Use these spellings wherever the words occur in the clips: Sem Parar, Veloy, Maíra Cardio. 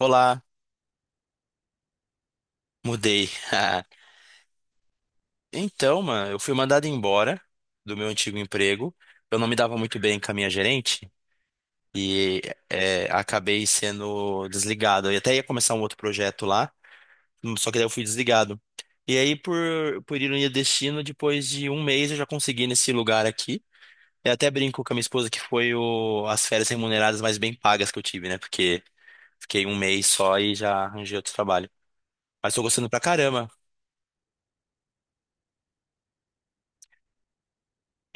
Olá, mudei. Então, mano, eu fui mandado embora do meu antigo emprego. Eu não me dava muito bem com a minha gerente e acabei sendo desligado. Eu até ia começar um outro projeto lá, só que daí eu fui desligado. E aí, por ironia do destino, depois de um mês eu já consegui nesse lugar aqui. Eu até brinco com a minha esposa que foi as férias remuneradas mais bem pagas que eu tive, né? Porque fiquei um mês só e já arranjei outro trabalho. Mas tô gostando pra caramba.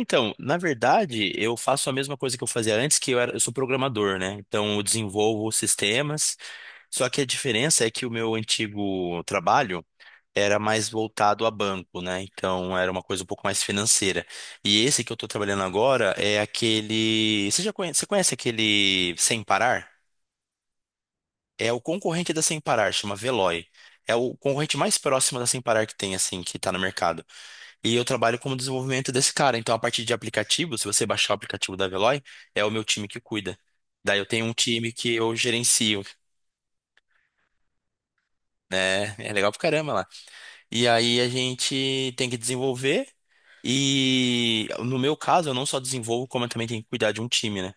Então, na verdade, eu faço a mesma coisa que eu fazia antes, eu sou programador, né? Então, eu desenvolvo sistemas. Só que a diferença é que o meu antigo trabalho era mais voltado a banco, né? Então, era uma coisa um pouco mais financeira. E esse que eu estou trabalhando agora é aquele. Você conhece aquele Sem Parar? É o concorrente da Sem Parar, chama Veloy. É o concorrente mais próximo da Sem Parar que tem, assim, que está no mercado. E eu trabalho como desenvolvimento desse cara. Então, a partir de aplicativo, se você baixar o aplicativo da Veloy, é o meu time que cuida. Daí eu tenho um time que eu gerencio, né? É legal pra caramba lá. E aí a gente tem que desenvolver. E no meu caso, eu não só desenvolvo, como eu também tenho que cuidar de um time, né?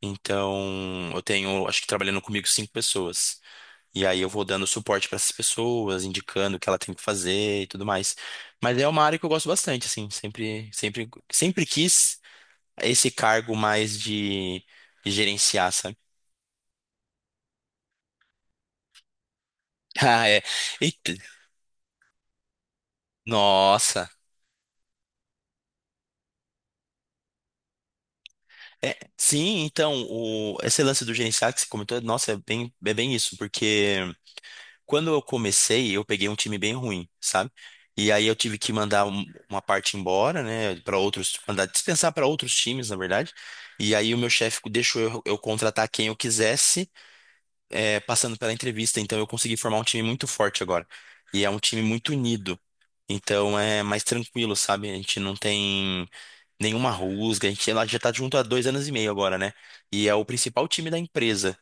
Então, eu tenho, acho que trabalhando comigo, 5 pessoas. E aí eu vou dando suporte pra essas pessoas, indicando o que ela tem que fazer e tudo mais. Mas é uma área que eu gosto bastante, assim, sempre, sempre, sempre quis esse cargo mais de gerenciar, sabe? Ah, é. Eita, nossa. É, sim, então, esse lance do gerenciar que você comentou, nossa, é bem isso, porque quando eu comecei, eu peguei um time bem ruim, sabe? E aí eu tive que mandar uma parte embora, né, para outros, mandar dispensar para outros times, na verdade. E aí o meu chefe deixou eu contratar quem eu quisesse, passando pela entrevista, então eu consegui formar um time muito forte agora. E é um time muito unido. Então é mais tranquilo, sabe? A gente não tem nenhuma rusga, a gente ela já tá junto há 2 anos e meio agora, né? E é o principal time da empresa.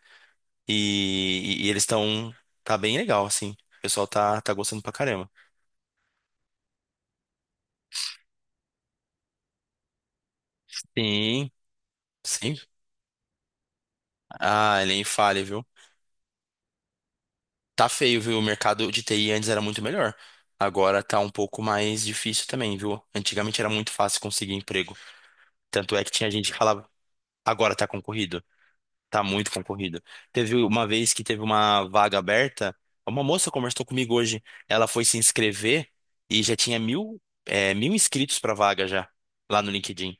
E eles estão. Tá bem legal, assim. O pessoal tá gostando pra caramba. Sim, sim. Ah, ele é infalha, viu? Tá feio, viu? O mercado de TI antes era muito melhor. Agora tá um pouco mais difícil também, viu? Antigamente era muito fácil conseguir emprego. Tanto é que tinha gente que falava, agora tá concorrido, tá muito concorrido. Teve uma vez que teve uma vaga aberta, uma moça conversou comigo hoje, ela foi se inscrever e já tinha mil inscritos pra vaga já, lá no LinkedIn.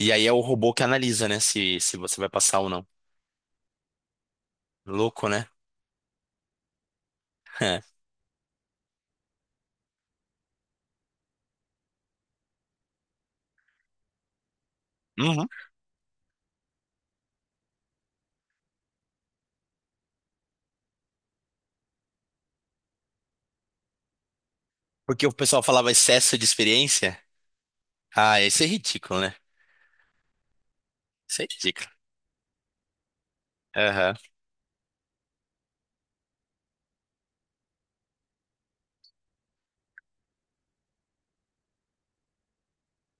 E aí é o robô que analisa, né, se você vai passar ou não. Louco, né? É. Uhum. Porque o pessoal falava excesso de experiência. Ah, isso é ridículo, né? Isso é ridículo. Aham.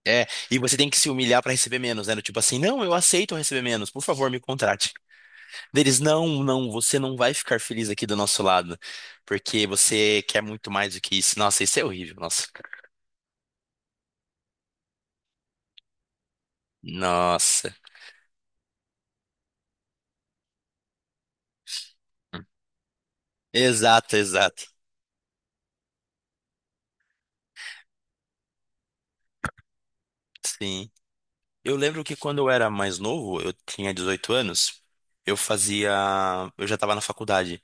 É, e você tem que se humilhar pra receber menos, né? Do tipo assim, não, eu aceito receber menos, por favor, me contrate. Deles, não, não, você não vai ficar feliz aqui do nosso lado, porque você quer muito mais do que isso. Nossa, isso é horrível, nossa. Nossa. Exato, exato. Sim. Eu lembro que quando eu era mais novo, eu tinha 18 anos, eu fazia, eu já estava na faculdade.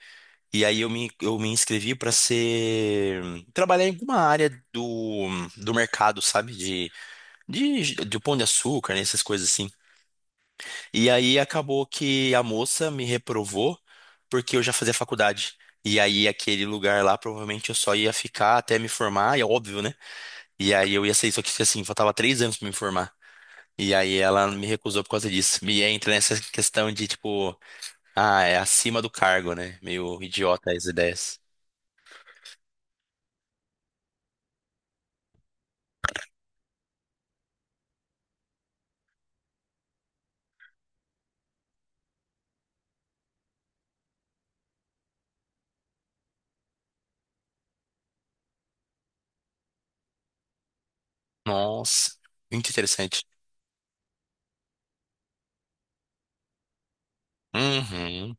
E aí eu me inscrevi trabalhar em alguma área do mercado, sabe? De pão de açúcar, né? Essas coisas assim. E aí acabou que a moça me reprovou porque eu já fazia faculdade. E aí aquele lugar lá provavelmente eu só ia ficar até me formar, e é óbvio, né? E aí eu ia ser isso aqui assim, faltava 3 anos pra me formar. E aí ela me recusou por causa disso. Me entra nessa questão de tipo, ah, é acima do cargo, né? Meio idiota as ideias. Nossa, muito interessante. Uhum,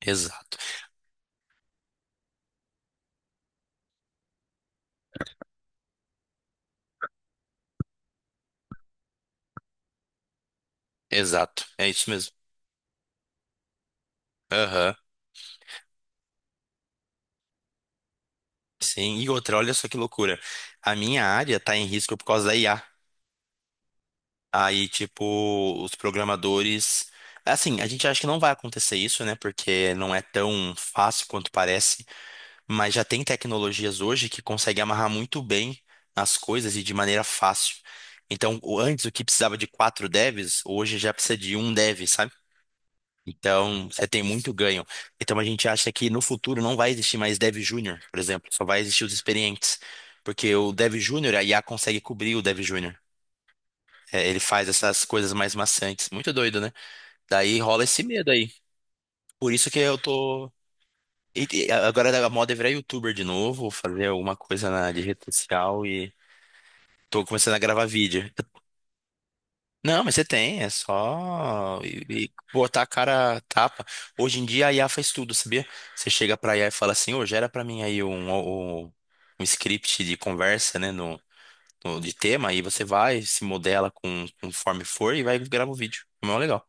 exato, exato. É isso mesmo. Aham. Sim, e outra, olha só que loucura. A minha área tá em risco por causa da IA. Aí, tipo, os programadores. Assim, a gente acha que não vai acontecer isso, né? Porque não é tão fácil quanto parece. Mas já tem tecnologias hoje que conseguem amarrar muito bem as coisas e de maneira fácil. Então, antes o que precisava de 4 devs, hoje já precisa de um dev, sabe? Então, você tem muito ganho. Então, a gente acha que no futuro não vai existir mais dev júnior, por exemplo. Só vai existir os experientes. Porque o dev júnior, a IA consegue cobrir o dev júnior. É, ele faz essas coisas mais maçantes. Muito doido, né? Daí rola esse medo aí. Por isso que eu tô. E agora a moda é virar youtuber de novo, fazer alguma coisa na de rede social e tô começando a gravar vídeo. Não, mas você tem, é só e botar a cara a tapa. Hoje em dia a IA faz tudo, sabia? Você chega pra IA e fala assim, ô, gera pra mim aí um script de conversa, né, de tema, aí você vai, se modela conforme for e vai gravar o vídeo. É mó legal.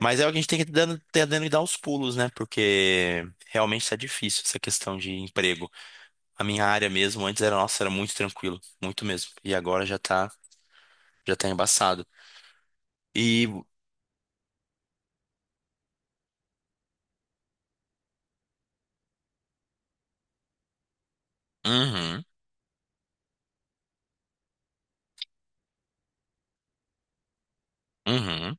Mas é o que a gente tem que tentando dar os pulos, né? Porque realmente está difícil essa questão de emprego. A minha área mesmo, antes nossa, era muito tranquilo, muito mesmo. E agora já tá embaçado. E, uhum, uhum,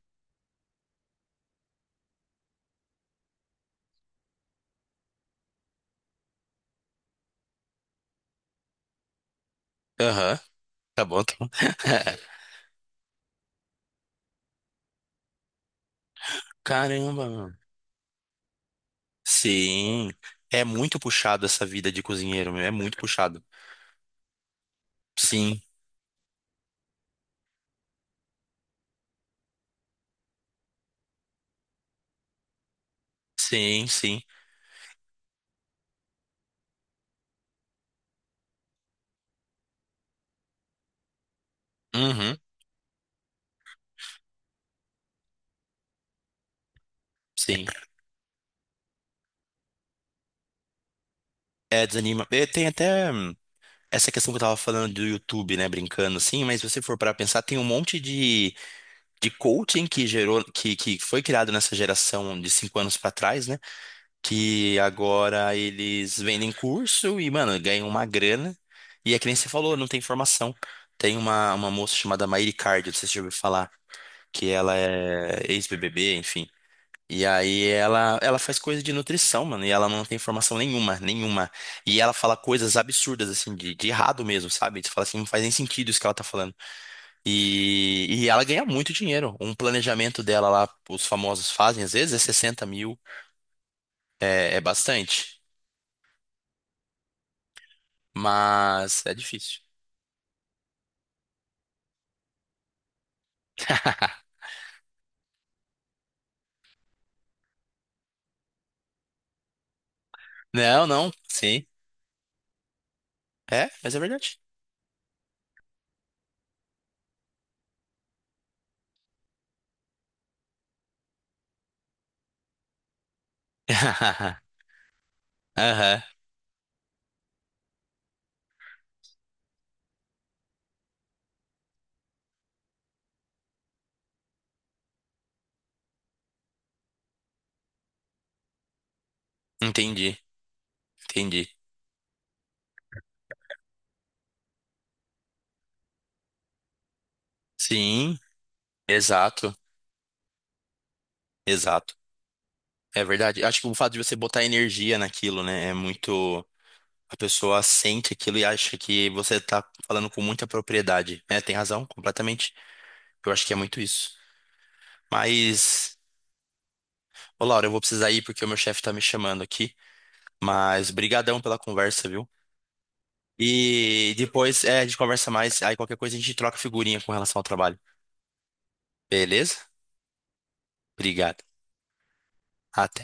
aham, tá bom, tá bom. Caramba, mano. Sim, é muito puxado essa vida de cozinheiro, meu, é muito puxado. Sim, sim, sim, uhum, sim. É, desanima. Tem até essa questão que eu tava falando do YouTube, né, brincando assim, mas se você for para pensar, tem um monte de coaching que gerou, que foi criado nessa geração de 5 anos para trás, né, que agora eles vendem curso e, mano, ganham uma grana. E é que nem você falou, não tem formação. Tem uma moça chamada Maíra Cardio, não sei se você já ouviu falar, que ela é ex-BBB, enfim. E aí ela faz coisa de nutrição, mano, e ela não tem formação nenhuma, nenhuma. E ela fala coisas absurdas, assim, de errado mesmo, sabe? Você fala assim, não faz nem sentido isso que ela tá falando. E ela ganha muito dinheiro. Um planejamento dela lá, os famosos fazem, às vezes é 60 mil, é bastante. Mas é difícil. Não, não, sim. É, mas é verdade. Aham, entendi, entendi. Sim, exato, exato. É verdade. Acho que o fato de você botar energia naquilo, né, é muito. A pessoa sente aquilo e acha que você tá falando com muita propriedade. É, tem razão, completamente. Eu acho que é muito isso. Mas, ô Laura, eu vou precisar ir porque o meu chefe tá me chamando aqui. Mas, brigadão pela conversa, viu? E depois, a gente conversa mais. Aí qualquer coisa a gente troca figurinha com relação ao trabalho. Beleza? Obrigado. Até.